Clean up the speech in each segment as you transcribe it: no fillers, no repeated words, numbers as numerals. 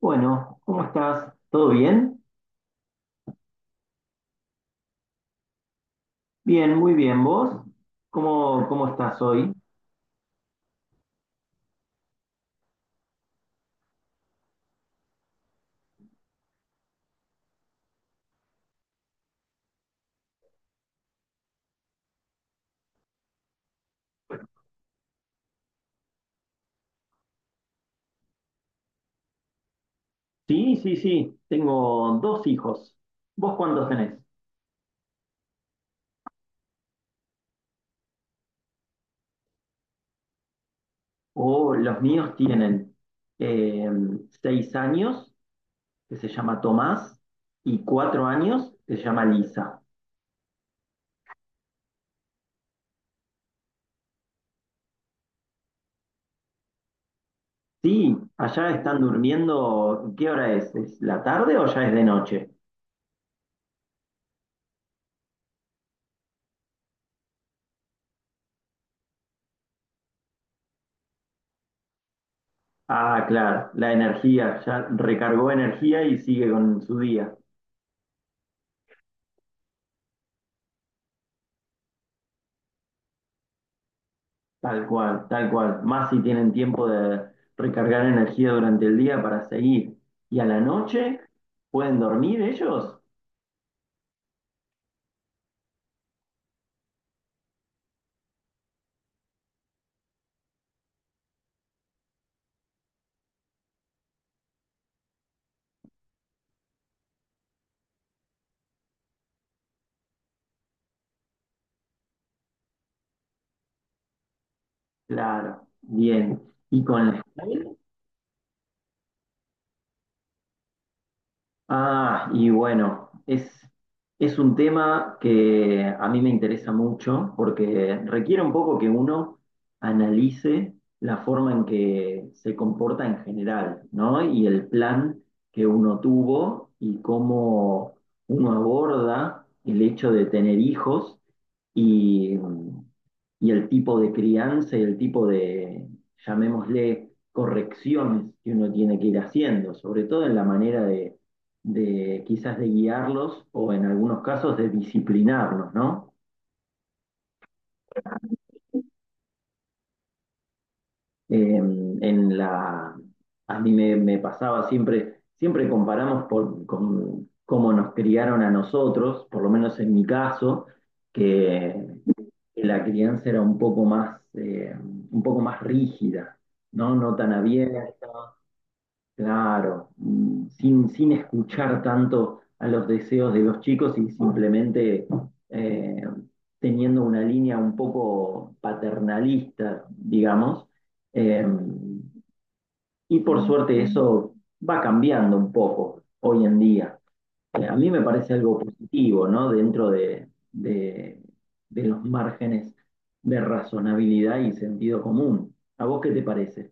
Bueno, ¿cómo estás? ¿Todo bien? Bien, muy bien. ¿Vos? ¿Cómo estás hoy? Sí, sí, sí, tengo dos hijos. ¿Vos cuántos tenés? Oh, los míos tienen eh, seis años, que se llama Tomás, y cuatro años, que se llama Lisa. Sí, allá están durmiendo. ¿Qué hora es? ¿Es la tarde o ya es de noche? Ah, claro, la energía, ya recargó energía y sigue con su día. Tal cual, tal cual. Más si tienen tiempo de recargar energía durante el día para seguir. Y a la noche, ¿pueden dormir ellos? Claro, bien. ¿Y con la escuela? Ah, y es un tema que a mí me interesa mucho porque requiere un poco que uno analice la forma en que se comporta en general, ¿no? Y el plan que uno tuvo y cómo uno aborda el hecho de tener hijos y, y el tipo de crianza y el tipo de, llamémosle, correcciones que uno tiene que ir haciendo, sobre todo en la manera de quizás de guiarlos o en algunos casos de disciplinarlos, ¿no? Eh, en la, a mí me pasaba siempre, siempre comparamos por, con cómo nos criaron a nosotros, por lo menos en mi caso, que la crianza era un poco más rígida, ¿no? No tan abierta, claro, sin escuchar tanto a los deseos de los chicos y simplemente eh, teniendo una línea un poco paternalista, digamos. Eh, y por suerte eso va cambiando un poco hoy en día. A mí me parece algo positivo, ¿no? Dentro de los márgenes de razonabilidad y sentido común. ¿A vos qué te parece?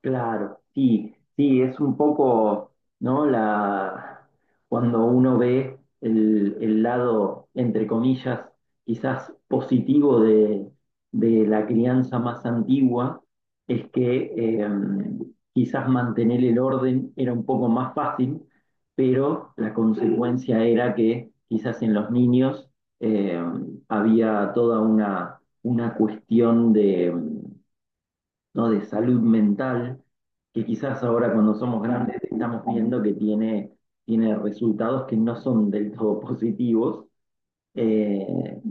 Claro, sí, sí, es un poco, ¿no? La, cuando uno ve el lado, entre comillas, quizás positivo de la crianza más antigua, es que quizás mantener el orden era un poco más fácil, pero la consecuencia era que quizás en los niños eh, había toda una cuestión de ¿no? de salud mental, que quizás ahora cuando somos grandes estamos viendo que tiene, tiene resultados que no son del todo positivos. Eh,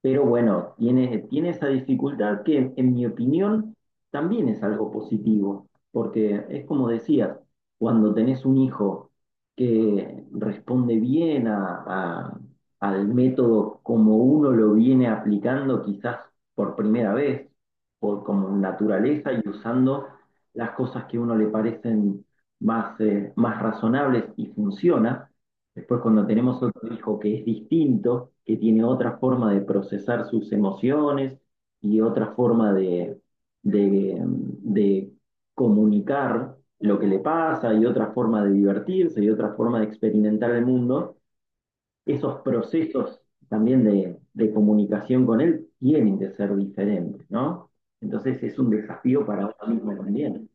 pero bueno, tiene, tiene esa dificultad que, en mi opinión, también es algo positivo, porque es como decías, cuando tenés un hijo que responde bien a- al método como uno lo viene aplicando quizás por primera vez, por como naturaleza y usando las cosas que a uno le parecen más, más razonables y funciona. Después, cuando tenemos otro hijo que es distinto, que tiene otra forma de procesar sus emociones y otra forma de comunicar lo que le pasa y otra forma de divertirse y otra forma de experimentar el mundo, esos procesos también de comunicación con él tienen que ser diferentes, ¿no? Entonces es un desafío para uno mismo también.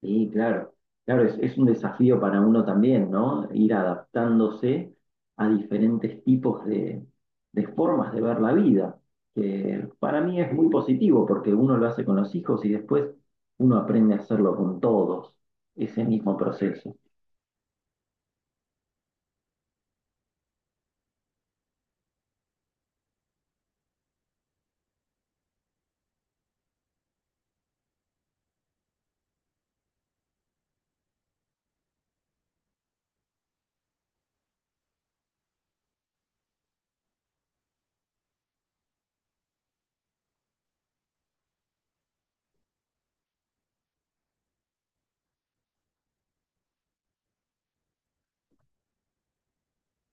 Sí, claro, claro, es un desafío para uno también, ¿no? Ir adaptándose a diferentes tipos de formas de ver la vida, que para mí es muy positivo porque uno lo hace con los hijos y después uno aprende a hacerlo con todos, ese mismo proceso.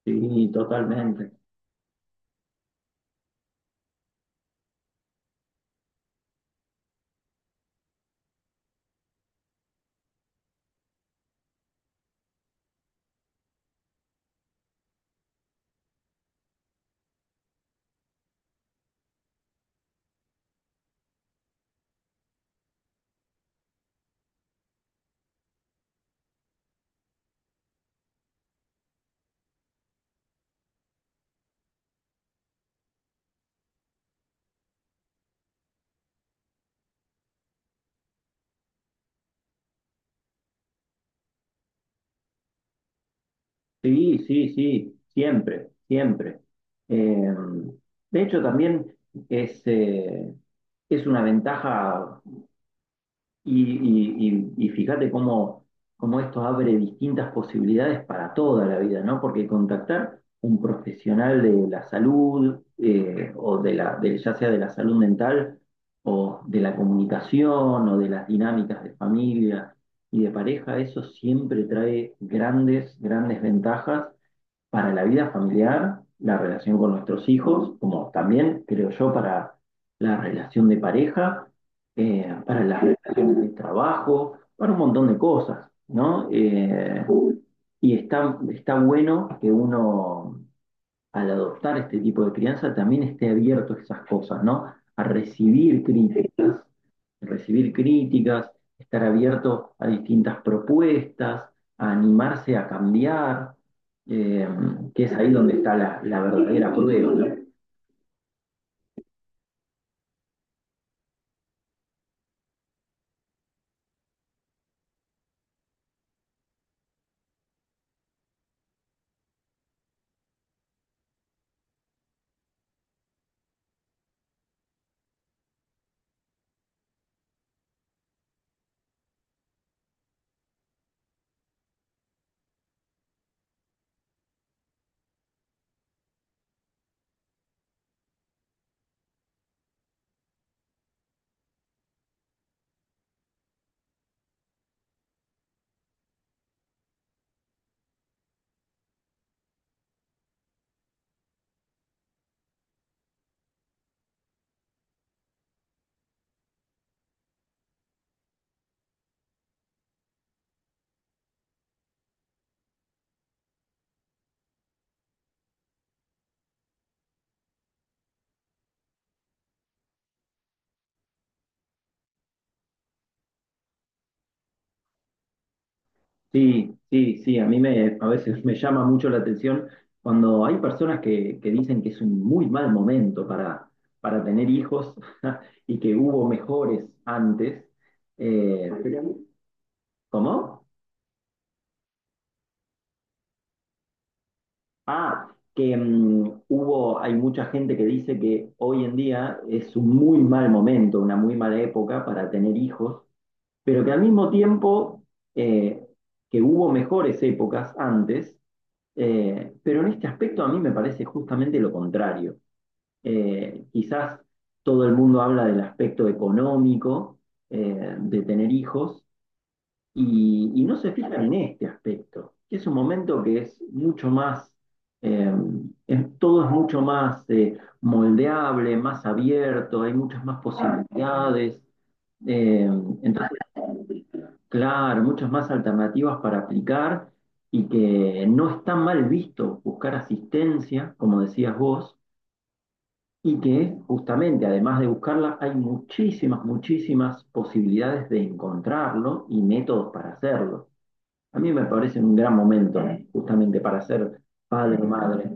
Sí, totalmente. Sí, sí, sí, siempre, siempre. Eh, de hecho, también es, eh, es una ventaja. Y, y- y fíjate cómo, cómo esto abre distintas posibilidades para toda la vida, ¿no? Porque contactar un profesional de la salud, o de ya sea de la salud mental, o de la comunicación, o de las dinámicas de familia y de pareja, eso siempre trae grandes, grandes ventajas para la vida familiar, la relación con nuestros hijos, como también creo yo para la relación de pareja, para las relaciones de trabajo, para un montón de cosas, ¿no? Y está, está bueno que uno al adoptar este tipo de crianza también esté abierto a esas cosas, ¿no? A recibir críticas, estar abierto a distintas propuestas, a animarse a cambiar, eh, que es ahí donde está la, la verdadera prueba, ¿no? Sí, sí, sí, a mí me, a veces me llama mucho la atención cuando hay personas que dicen que es un muy mal momento para tener hijos y que hubo mejores antes. Pero ¿cómo? Ah, que hay mucha gente que dice que hoy en día es un muy mal momento, una muy mala época para tener hijos, pero que al mismo tiempo eh, que hubo mejores épocas antes, pero en este aspecto a mí me parece justamente lo contrario. Quizás todo el mundo habla del aspecto económico de tener hijos y no se fijan en este aspecto, que es un momento que es mucho más, eh, todo es mucho más moldeable, más abierto, hay muchas más posibilidades, eh, entonces, claro, muchas más alternativas para aplicar y que no está mal visto buscar asistencia, como decías vos, y que justamente, además de buscarla, hay muchísimas, muchísimas posibilidades de encontrarlo y métodos para hacerlo. A mí me parece un gran momento justamente para ser padre o madre.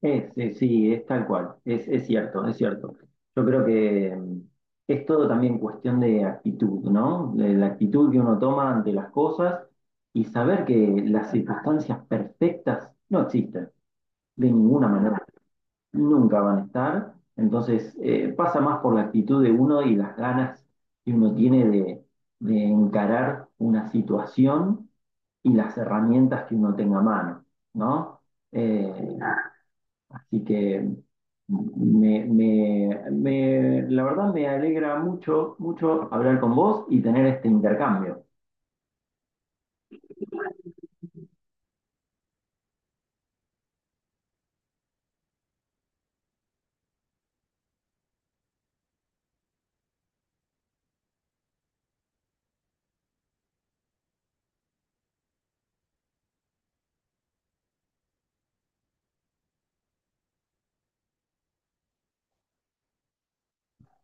Sí, es tal cual, es cierto, es cierto. Yo creo que mm, es todo también cuestión de actitud, ¿no? De la actitud que uno toma ante las cosas y saber que las circunstancias perfectas no existen de ninguna manera. Nunca van a estar. Entonces, pasa más por la actitud de uno y las ganas que uno tiene de encarar una situación y las herramientas que uno tenga a mano, ¿no? Eh, así que la verdad me alegra mucho, mucho hablar con vos y tener este intercambio.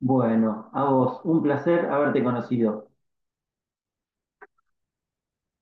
Bueno, a vos, un placer haberte conocido.